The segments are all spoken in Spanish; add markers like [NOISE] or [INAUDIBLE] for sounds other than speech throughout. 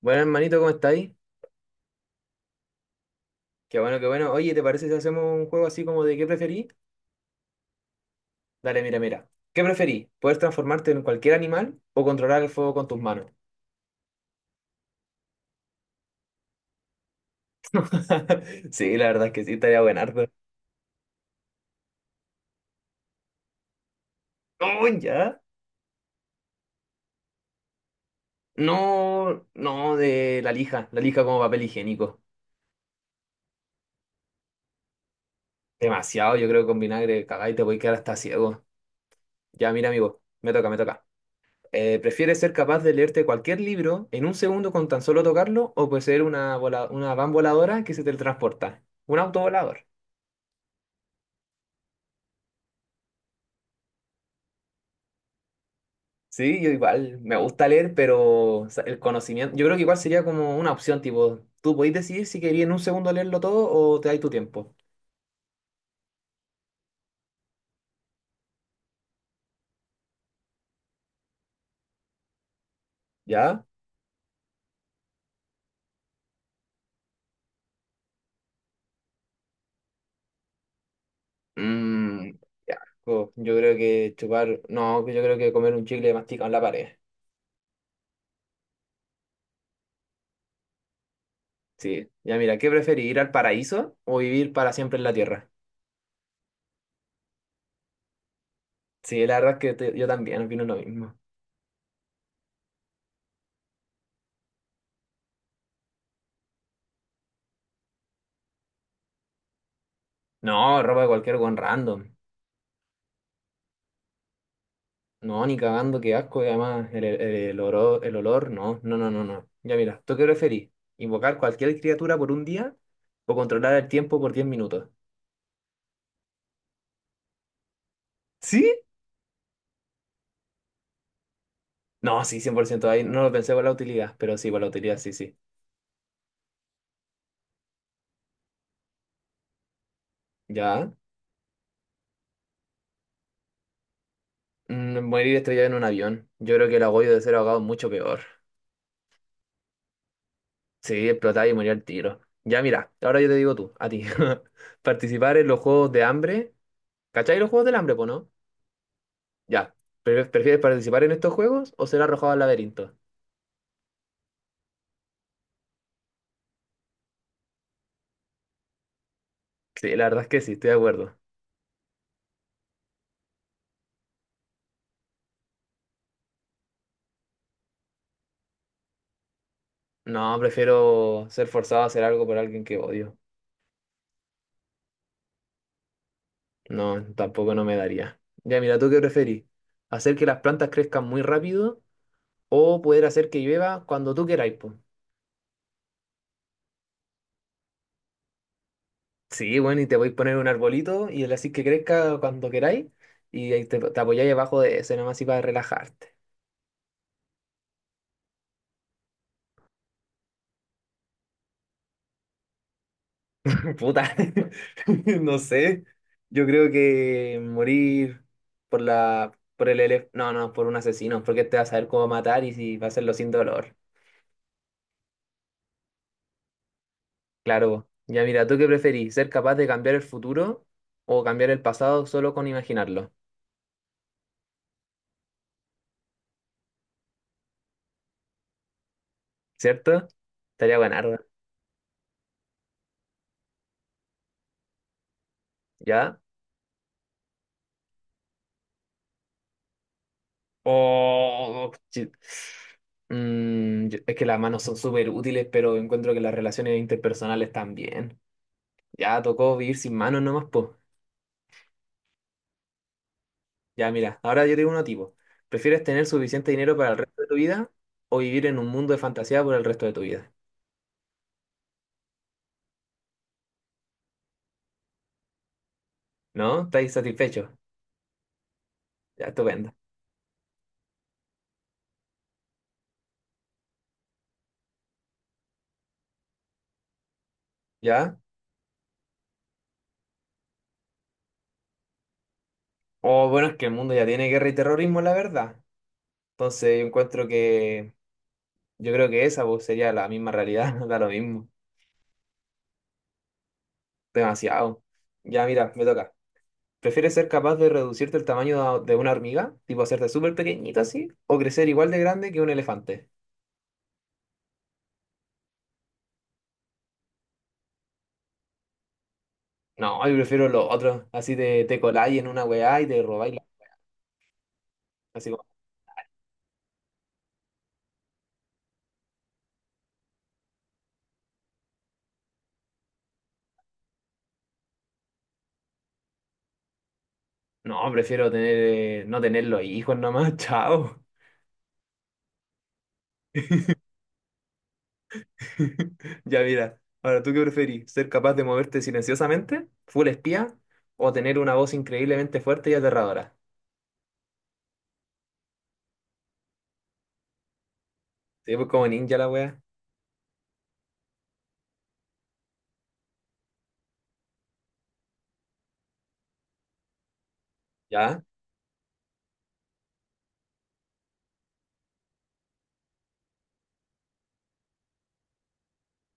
Bueno, hermanito, ¿cómo estáis? Qué bueno, qué bueno. Oye, ¿te parece si hacemos un juego así como de qué preferí? Dale, mira, mira. ¿Qué preferí? ¿Poder transformarte en cualquier animal o controlar el fuego con tus manos? [LAUGHS] Sí, la verdad es que sí, estaría buenardo. No, ya. No, no, de la lija. La lija como papel higiénico. Demasiado, yo creo que con vinagre cagáis te voy a quedar hasta ciego. Ya, mira, amigo, me toca, me toca. ¿Prefieres ser capaz de leerte cualquier libro en un segundo con tan solo tocarlo o poseer una, una van voladora que se teletransporta? Un autovolador. Sí, yo igual, me gusta leer, pero o sea, el conocimiento, yo creo que igual sería como una opción, tipo, tú podés decidir si querías en un segundo leerlo todo o te dais tu tiempo, ¿ya? Mm, ya, yo creo que chupar, no, yo creo que comer un chicle masticado en la pared, sí. Ya mira, ¿qué preferís, ir al paraíso o vivir para siempre en la tierra? Sí, la verdad es que yo también opino lo mismo. No, ropa de cualquier con random. No, ni cagando, qué asco. Y además, el olor, el olor, no, no, no, no, no. Ya mira, ¿tú qué preferís? ¿Invocar cualquier criatura por un día o controlar el tiempo por 10 minutos? ¿Sí? No, sí, 100%. Ahí no lo pensé por la utilidad, pero sí, por la utilidad, sí, sí. Ya. Mm, morir estrellado en un avión. Yo creo que el agobio de ser ahogado es mucho peor. Sí, explotar y morir al tiro. Ya mira, ahora yo te digo tú, a ti. [LAUGHS] Participar en los juegos de hambre. ¿Cachai los juegos del hambre, po, no? Ya. ¿Prefieres participar en estos juegos o ser arrojado al laberinto? Sí, la verdad es que sí, estoy de acuerdo. No, prefiero ser forzado a hacer algo por alguien que odio. No, tampoco no me daría. Ya, mira, ¿tú qué preferís? ¿Hacer que las plantas crezcan muy rápido o poder hacer que llueva cuando tú queráis, po? Sí, bueno, y te voy a poner un arbolito y le así que crezca cuando queráis y ahí te, te apoyáis abajo de ese nomás y para relajarte. Puta, [LAUGHS] no sé. Yo creo que morir por la, por el no, no, por un asesino, porque te vas a saber cómo matar y si va a hacerlo sin dolor. Claro. Ya mira, ¿tú qué preferís? ¿Ser capaz de cambiar el futuro o cambiar el pasado solo con imaginarlo? ¿Cierto? Estaría ganarla, ¿ya? Oh, mm, es que las manos son súper útiles, pero encuentro que las relaciones interpersonales también. Ya tocó vivir sin manos nomás, pues. Ya, mira, ahora yo tengo uno tipo. ¿Prefieres tener suficiente dinero para el resto de tu vida o vivir en un mundo de fantasía por el resto de tu vida? ¿No? ¿Estáis satisfechos? Ya, estupendo. ¿Ya? O bueno, es que el mundo ya tiene guerra y terrorismo, la verdad. Entonces yo encuentro que, yo creo que esa pues, sería la misma realidad, [LAUGHS] da lo mismo. Demasiado. Ya, mira, me toca. ¿Prefieres ser capaz de reducirte el tamaño de una hormiga, tipo hacerte súper pequeñito así, o crecer igual de grande que un elefante? No, yo prefiero lo otro. Así te, te coláis en una weá y te robáis. Así como, no, prefiero tener, no tener los hijos nomás, chao. [LAUGHS] Ya mira, ahora tú qué preferís, ser capaz de moverte silenciosamente, full espía, o tener una voz increíblemente fuerte y aterradora. Sí, pues como ninja la wea, ya.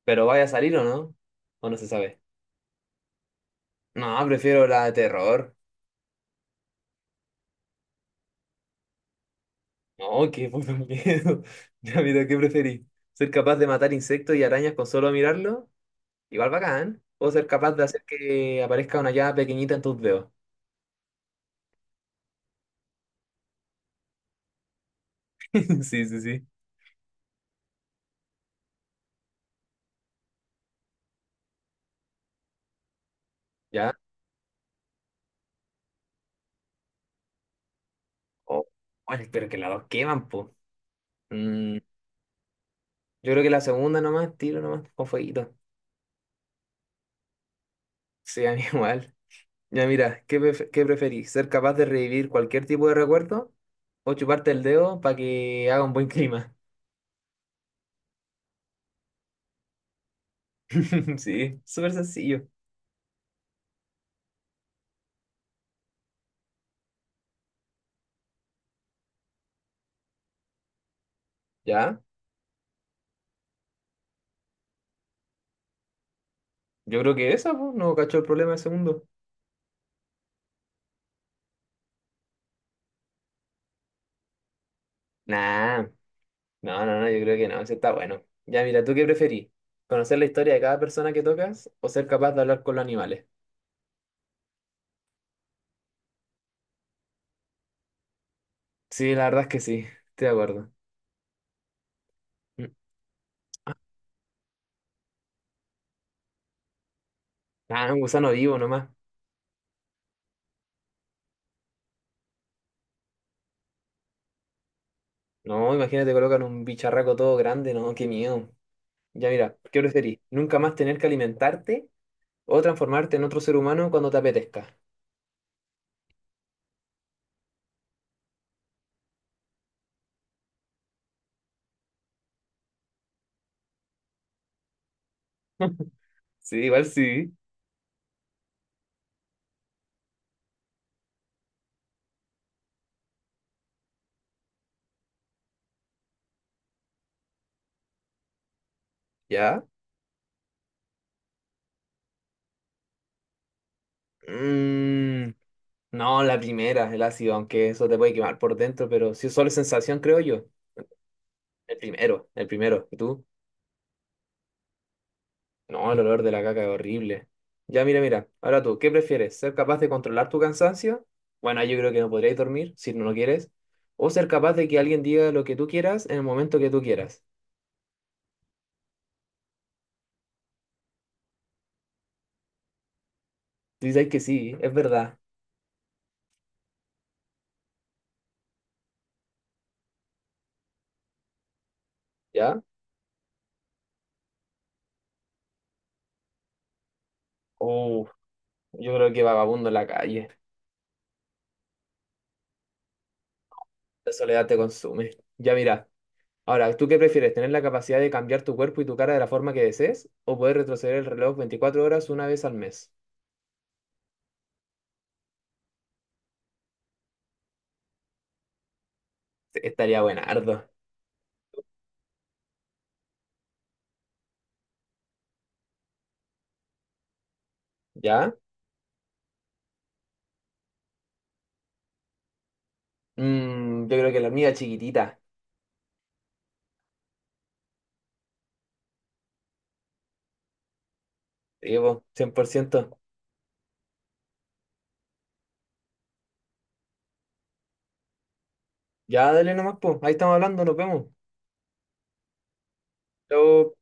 Pero vaya a salir o no se sabe. No, prefiero la de terror. No, qué puto miedo. [LAUGHS] Ya mira, ¿qué preferís? ¿Ser capaz de matar insectos y arañas con solo mirarlo? Igual bacán. O ser capaz de hacer que aparezca una llave pequeñita en tus dedos. [LAUGHS] Sí, sí, sí. ¿Ya? O bueno, pero que las dos queman, pues. Mm, yo creo que la segunda nomás, tiro nomás, con fueguito. Sí, a mí [LAUGHS] igual. Ya mira, ¿ qué preferís? ¿Ser capaz de revivir cualquier tipo de recuerdo o chuparte el dedo para que haga un buen clima? [LAUGHS] Sí, súper sencillo. ¿Ya? Yo creo que esa, pues, no cacho el problema del segundo. Nah, no, no, no, yo creo que no, ese está bueno. Ya mira, ¿tú qué preferís? ¿Conocer la historia de cada persona que tocas o ser capaz de hablar con los animales? Sí, la verdad es que sí, estoy de acuerdo. Mm. Ah, un gusano vivo nomás. No, imagínate, colocan un bicharraco todo grande, no, qué miedo. Ya mira, ¿qué preferís? ¿Nunca más tener que alimentarte o transformarte en otro ser humano cuando te apetezca? [LAUGHS] Sí, igual sí. ¿Ya? Mm, no, la primera, el ácido, aunque eso te puede quemar por dentro, pero si es solo sensación, creo yo. El primero, el primero. ¿Y tú? No, el olor de la caca es horrible. Ya, mira, mira. Ahora tú, ¿qué prefieres? ¿Ser capaz de controlar tu cansancio? Bueno, yo creo que no podrías dormir si no lo quieres. ¿O ser capaz de que alguien diga lo que tú quieras en el momento que tú quieras? Tú dices que sí, es verdad. ¿Ya? Uh, yo creo que vagabundo en la calle. La soledad te consume. Ya, mira. Ahora, ¿tú qué prefieres? ¿Tener la capacidad de cambiar tu cuerpo y tu cara de la forma que desees? ¿O poder retroceder el reloj 24 horas una vez al mes? Estaría buenardo. ¿Ya? Mm, yo creo que la mía chiquitita. Sí, po, 100%. Ya, dale nomás, po. Ahí estamos hablando, nos vemos. Chao.